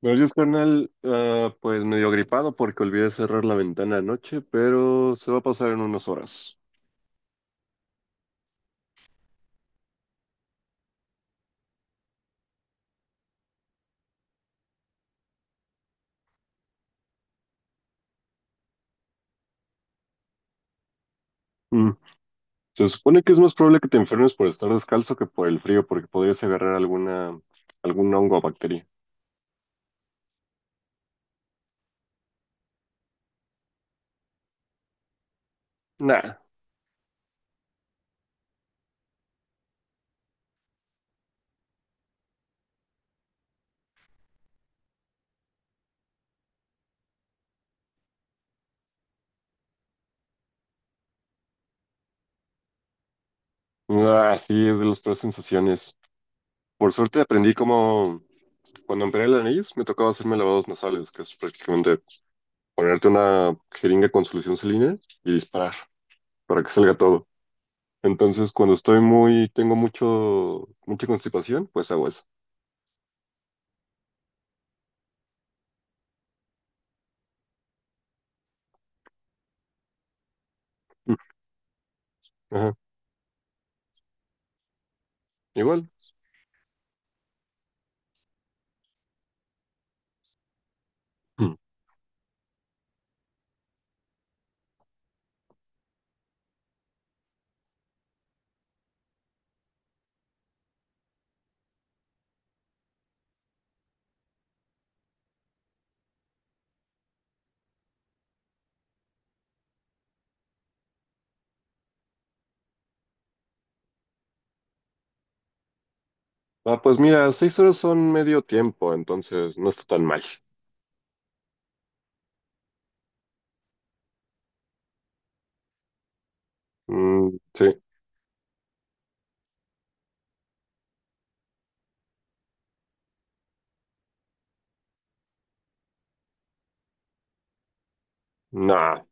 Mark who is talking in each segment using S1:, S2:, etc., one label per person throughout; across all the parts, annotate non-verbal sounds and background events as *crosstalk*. S1: Buenos días, carnal. Ah, pues medio gripado porque olvidé cerrar la ventana anoche, pero se va a pasar en unas horas. Mm. Se supone que es más probable que te enfermes por estar descalzo que por el frío, porque podrías agarrar algún hongo o bacteria. Nah. Ah, sí, es de las peores sensaciones. Por suerte aprendí cómo, cuando operé la nariz, me tocaba hacerme lavados nasales, que es prácticamente ponerte una jeringa con solución salina y disparar para que salga todo. Entonces, cuando tengo mucha constipación, pues hago eso. Mm, ajá, igual. Mm. Ah, pues mira, seis horas son medio tiempo, entonces no está tan mal. Mm, sí, nah,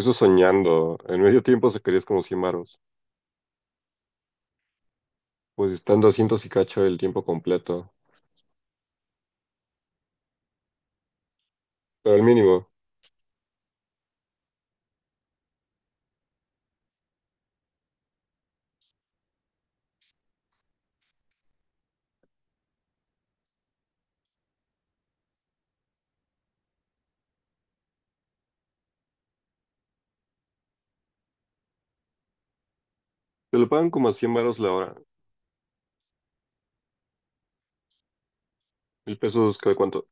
S1: eso soñando. En medio tiempo se querías como 100 varos. Pues están doscientos y cacho el tiempo completo. Pero el mínimo, te lo pagan como a 100 varos la hora. ¿Mil pesos cada cuánto?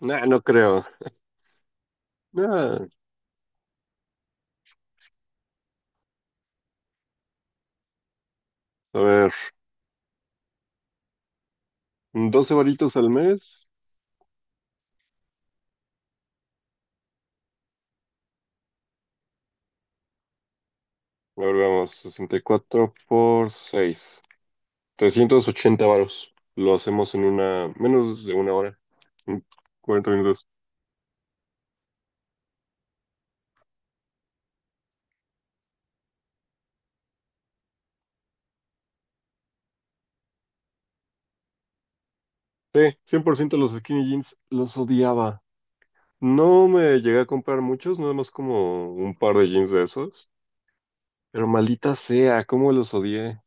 S1: Nah, no creo. Nah, a ver, 12 varitos al mes. A ver, vamos, 64 por 6 380 varos. Lo hacemos en menos de una hora, en 40 minutos. Sí, cien por ciento los skinny jeans los odiaba. No me llegué a comprar muchos, nada más como un par de jeans de esos. Pero maldita sea, cómo los odié.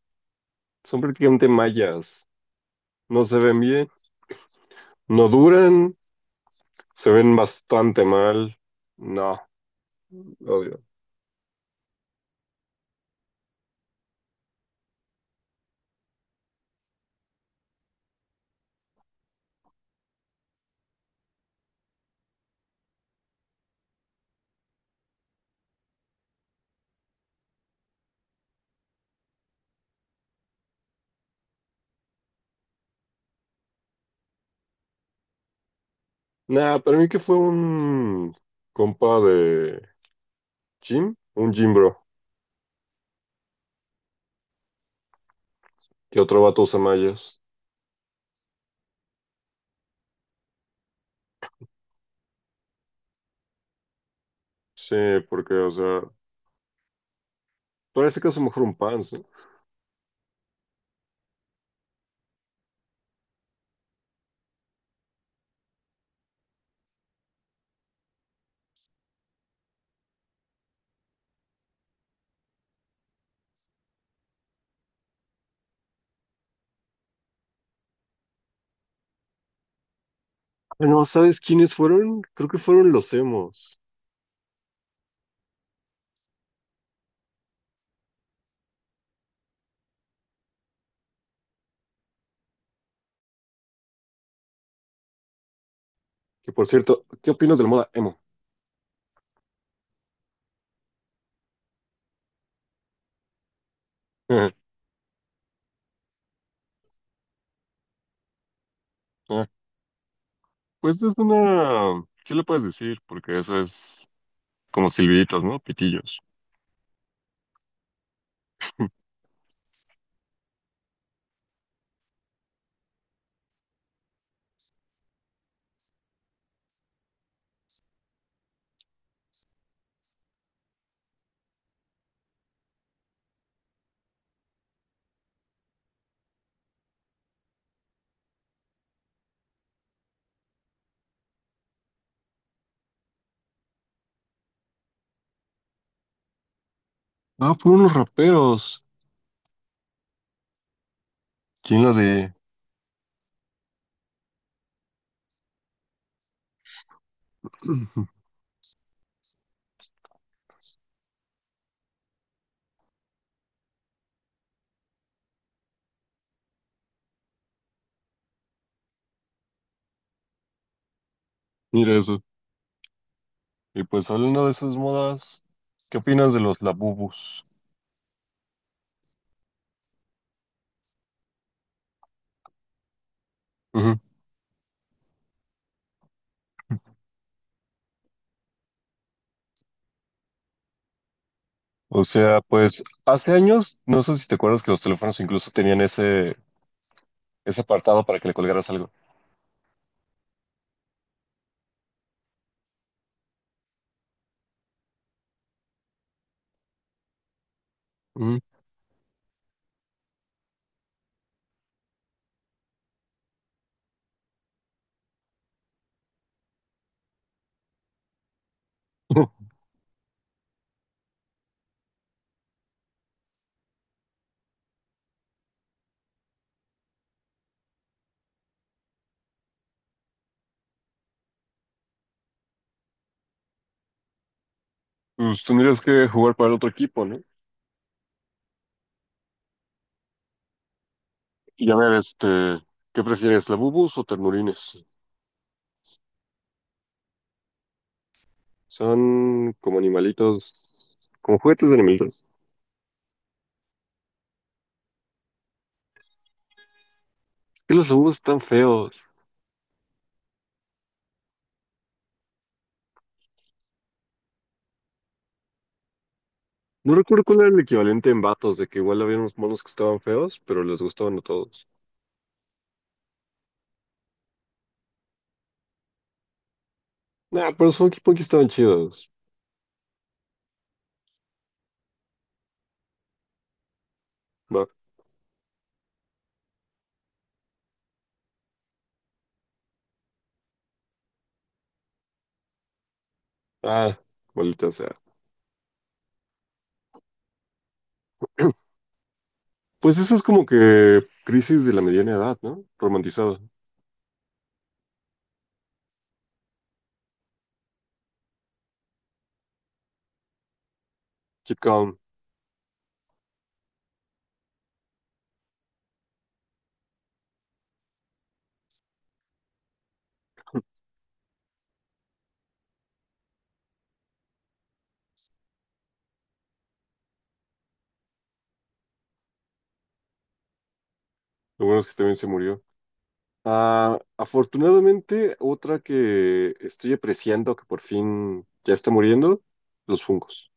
S1: Son prácticamente mallas. No se ven bien, no duran, se ven bastante mal. No, odio. Nada, para mí que fue un compa de gym, un gym bro, que otro vato usa mallas. Sí, porque, o sea, parece que es mejor un Pans, ¿no? Ah, no, ¿sabes quiénes fueron? Creo que fueron los emos. Que por cierto, ¿qué opinas de la moda emo? *laughs* Ah, pues es una ¿Qué le puedes decir? Porque eso es como silbiditas, ¿no? Pitillos. *laughs* Ah, fueron los raperos. ¿Quién lo de...? *clears throat* *laughs* Mira eso. Y pues hablando de esas modas, ¿qué opinas de los labubus? Ujú. O sea, pues hace años, no sé si te acuerdas que los teléfonos incluso tenían ese apartado para que le colgaras algo. Mm. *laughs* Pues tendrías que jugar para el otro equipo, ¿no? Y a ver, este, ¿qué prefieres, labubus o ternurines? Son como animalitos, como juguetes de animalitos. Es que los labubus están feos. No recuerdo cuál era el equivalente en vatos, de que igual había unos monos que estaban feos, pero les gustaban a todos. Nah, pero son equipos que estaban chidos. Va. Ah, maldita sea. *clears throat* Pues eso es como que crisis de la mediana edad, ¿no? Romantizado. Keep calm. Lo bueno es que también se murió. Ah, afortunadamente, otra que estoy apreciando que por fin ya está muriendo, los fungos.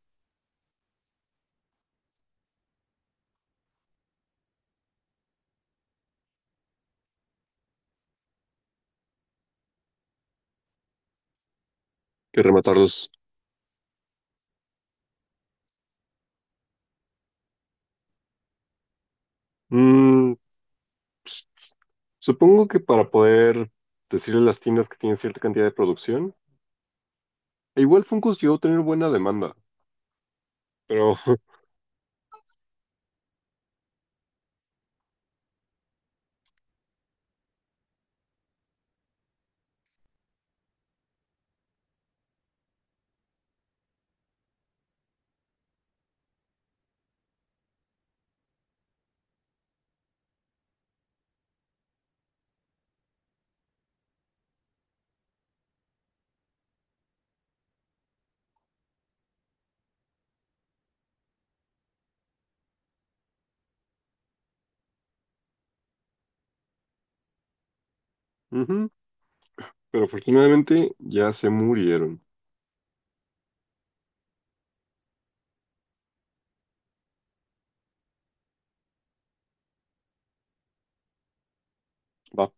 S1: Que rematarlos. Mm, supongo que para poder decirle a las tiendas que tienen cierta cantidad de producción, e igual fungos llegó a tener buena demanda, pero, *laughs* ujú, pero afortunadamente ya se murieron. Va.